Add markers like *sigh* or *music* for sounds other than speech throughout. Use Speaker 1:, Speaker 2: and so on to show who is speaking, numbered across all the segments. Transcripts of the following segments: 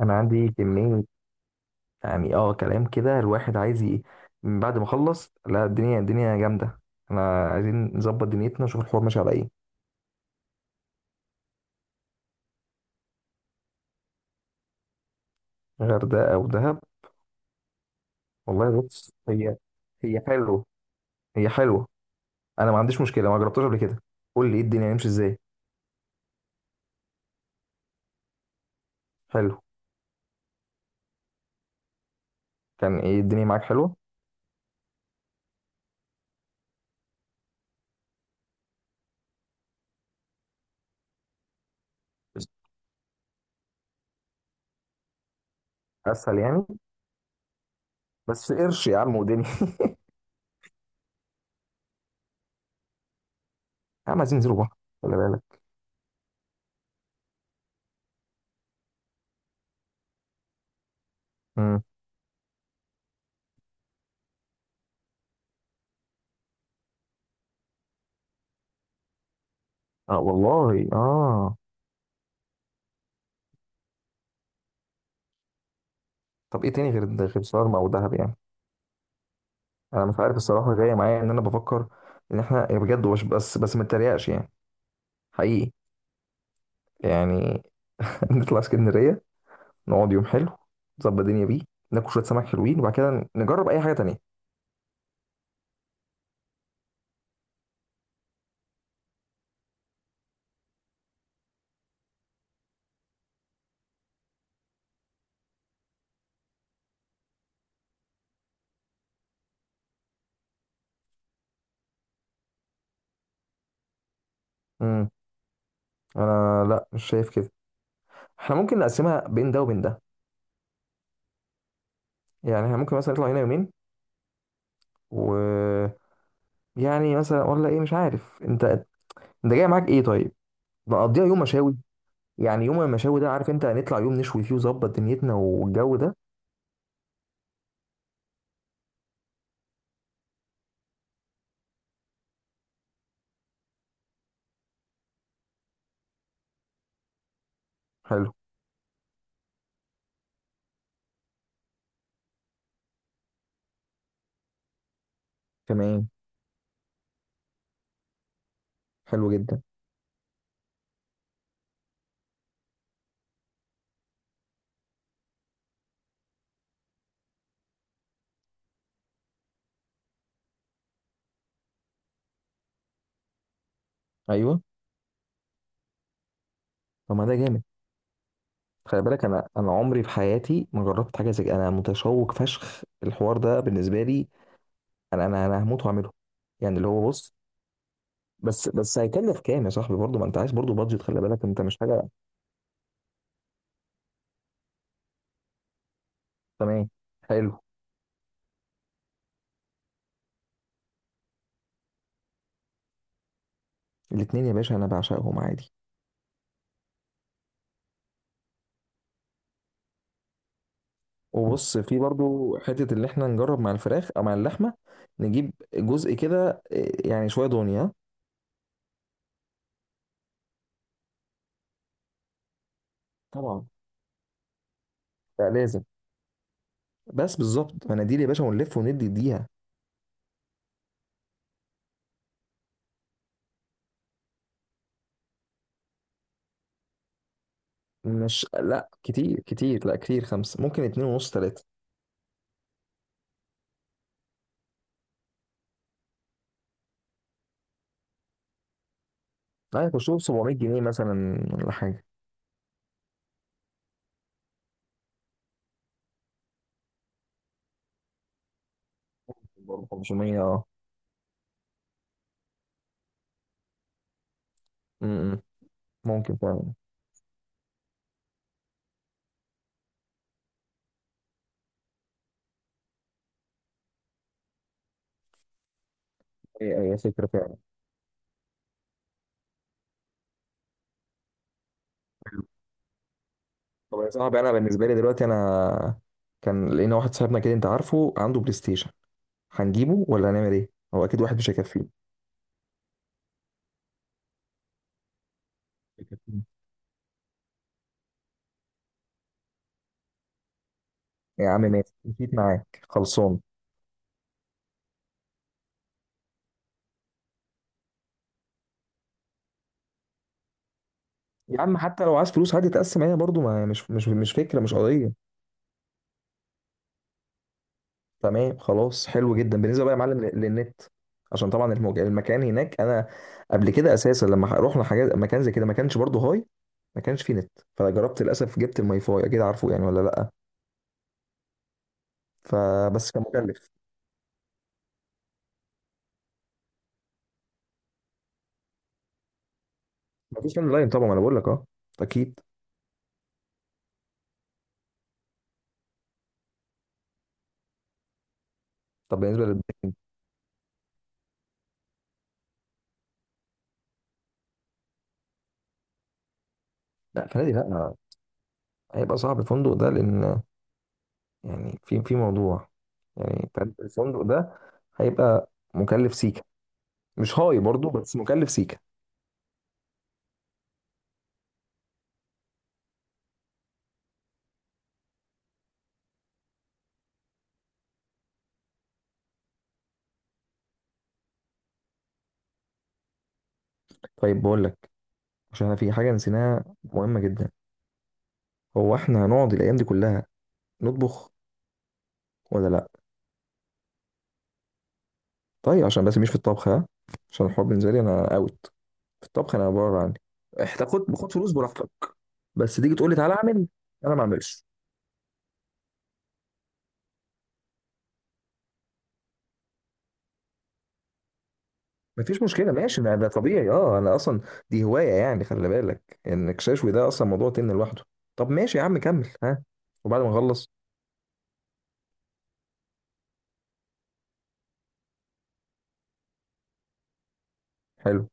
Speaker 1: انا عندي كمية، يعني كلام كده الواحد عايز من بعد ما اخلص. لا، الدنيا جامدة. احنا عايزين نظبط دنيتنا، نشوف الحوار ماشي على ايه. غردقة او دهب؟ والله بص، هي هي حلوة هي حلوة. انا ما عنديش مشكلة، ما جربتهاش قبل كده. قول لي ايه الدنيا، هنمشي ازاي؟ حلو. كان ايه الدنيا معاك حلوة؟ اسهل يعني. بس قرش يا عم ودنيا. *laughs* يا عم عايزين ننزلوا بحر، خلي بالك. امم. اه والله اه. طب ايه تاني غير شرم او دهب يعني؟ انا مش عارف الصراحه، جايه معايا ان انا بفكر ان احنا يعني بجد وش. بس ما اتريقش يعني، حقيقي يعني. *laughs* نطلع اسكندريه، نقعد يوم حلو، نظبط الدنيا بيه، ناكل شويه سمك حلوين، وبعد كده نجرب اي حاجه تانية. امم. انا لا، مش شايف كده. احنا ممكن نقسمها بين ده وبين ده. يعني احنا ممكن مثلا نطلع هنا يومين، و، يعني مثلا، ولا ايه؟ مش عارف انت. انت جاي معاك ايه طيب؟ نقضيها يوم مشاوي. يعني يوم المشاوي ده، عارف انت، هنطلع يوم نشوي فيه وظبط دنيتنا والجو ده. حلو. تمام، حلو جدا. ايوه. طب ما ده جامد. خلي بالك انا عمري في حياتي ما جربت حاجه زي كده. انا متشوق فشخ، الحوار ده بالنسبه لي. انا هموت واعمله. يعني اللي هو بص، بس هيكلف كام يا صاحبي؟ برضه ما انت عايز برضه بادجت، خلي بالك انت مش حاجه. تمام، حلو. الاتنين يا باشا، انا بعشقهم عادي. وبص، في برضه حته اللي احنا نجرب مع الفراخ او مع اللحمه، نجيب جزء كده إيه، يعني شويه دنيا. طبعا. لا لازم. بس بالظبط مناديل يا باشا، ونلف وندي ديها. مش لا، كتير كتير لا كتير، خمسة ممكن، اتنين ونص، تلاتة. لا يخشوا 700 جنيه مثلا ولا حاجة. 500، اه. امم. ممكن فعلا. هي، هي فكرة فعلا. طب يا صاحبي، أنا بالنسبة لي دلوقتي أنا كان لقينا واحد صاحبنا كده، أنت عارفه، عنده بلاي ستيشن. هنجيبه ولا هنعمل إيه؟ هو أكيد واحد مش هيكفيه. *laughs* هيكفيه. يا عم ماشي، مشيت معاك، خلصان. يا عم حتى لو عايز فلوس عادي تقسم، هي برضو ما مش فكرة، مش قضية. تمام خلاص، حلو جدا. بالنسبه بقى يا معلم للنت، عشان طبعا المكان هناك، انا قبل كده اساسا لما رحنا حاجات مكان زي كده، ما كانش برضه هاي، ما كانش فيه نت. فجربت للاسف، جبت الماي فاي، اكيد عارفه يعني ولا لا. فبس كان مكلف. ما فيش لاين طبعا، انا بقول لك اه. اكيد. طب بالنسبه للبيكنج. لا فنادي لا، هيبقى صعب الفندق ده لان، يعني في في موضوع، يعني فاهم؟ الفندق ده هيبقى مكلف سيكا. مش هاي برضه، بس مكلف سيكا. طيب بقول لك، عشان انا في حاجه نسيناها مهمه جدا. هو احنا هنقعد الايام دي كلها نطبخ ولا لا؟ طيب، عشان بس مش في الطبخ ها، عشان الحوار بالنسبه لي انا اوت. في الطبخ انا بره عني. احنا تاخد باخد فلوس براحتك، بس تيجي تقول لي تعالى اعمل، انا ما اعملش. مفيش مشكله، ماشي، ده ده طبيعي اه، انا اصلا دي هوايه، يعني خلي بالك انك ششوي ده اصلا موضوع تن لوحده. طب ماشي يا عم، كمل ها. وبعد ما نخلص. حلو.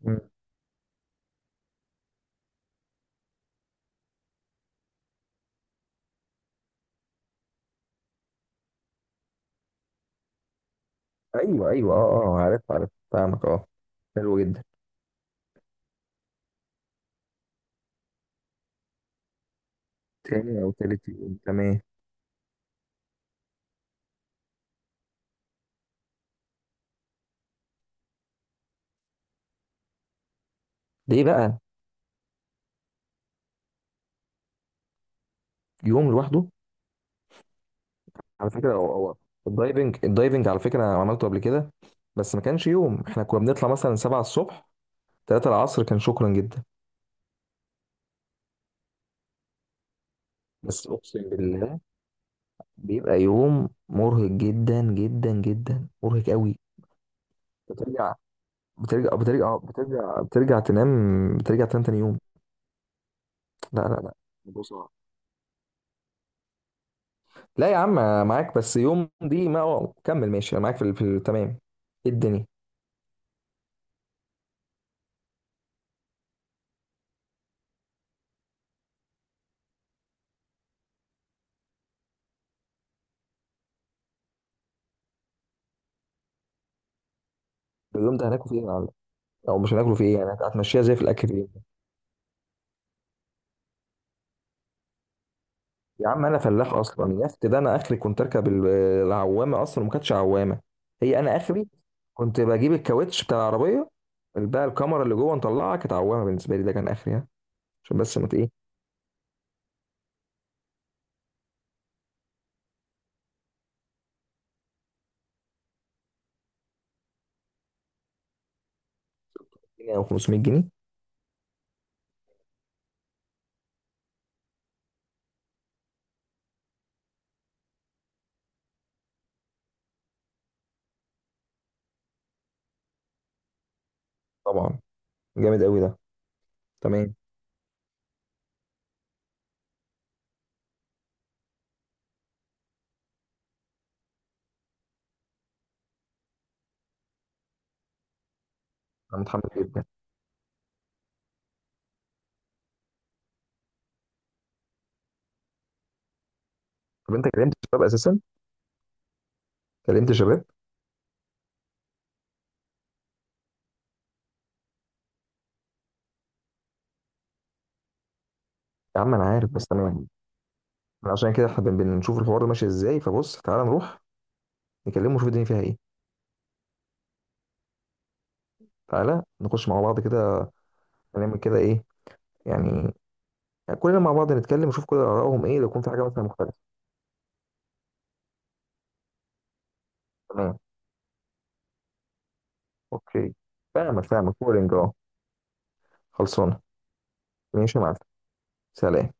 Speaker 1: مم. ايوه ايوه، اه اه، آه، عارف عارف، فاهمك اه. حلو جدا. تاني او تالت يوم، تمام. ليه بقى؟ يوم لوحده. على فكره، هو الدايفنج على فكره انا عملته قبل كده. بس ما كانش يوم، احنا كنا بنطلع مثلا 7 الصبح، 3 العصر كان شكرا جدا. بس اقسم بالله بيبقى يوم مرهق جدا جدا جدا، مرهق قوي. بترجع بترجع بترجع تنام، بترجع تنام تاني يوم. لا، الموضوع صعب. لا يا عم، معاك بس يوم دي ما، أه، كمل ماشي، انا معاك في تمام. ايه الدنيا؟ اليوم ده هناكل فيه ايه يا معلم؟ او مش هناكله، فيه ايه يعني هتمشيها زي في الاكل؟ يا عم انا فلاح اصلا، اليخت ده، انا اخري كنت اركب العوامه، اصلا وما كانتش عوامه. هي انا اخري كنت بجيب الكاوتش بتاع العربيه، اللي بقى الكاميرا اللي جوه نطلعها، كانت عوامه بالنسبه لي، ده كان اخري ها. عشان بس ما ايه. 100 او 500 جنيه. طبعا. جامد قوي ده. تمام. انا متحمس جدا. طب انت كلمت شباب اساسا؟ كلمت شباب. يا عم انا عارف بس، تمام. أنا عشان كده احنا بنشوف الحوار ده ماشي ازاي. فبص تعالى نروح نكلمه، ونشوف الدنيا فيها ايه. تعالى نخش مع بعض كده، نعمل كده ايه يعني، يعني كلنا مع بعض نتكلم، نشوف كل آرائهم إيه، لو يكون في حاجة مثلا مختلفة. تمام. أوكي. فاهمك كورينج أه. خلصانة. ماشي يا معلم. سلام.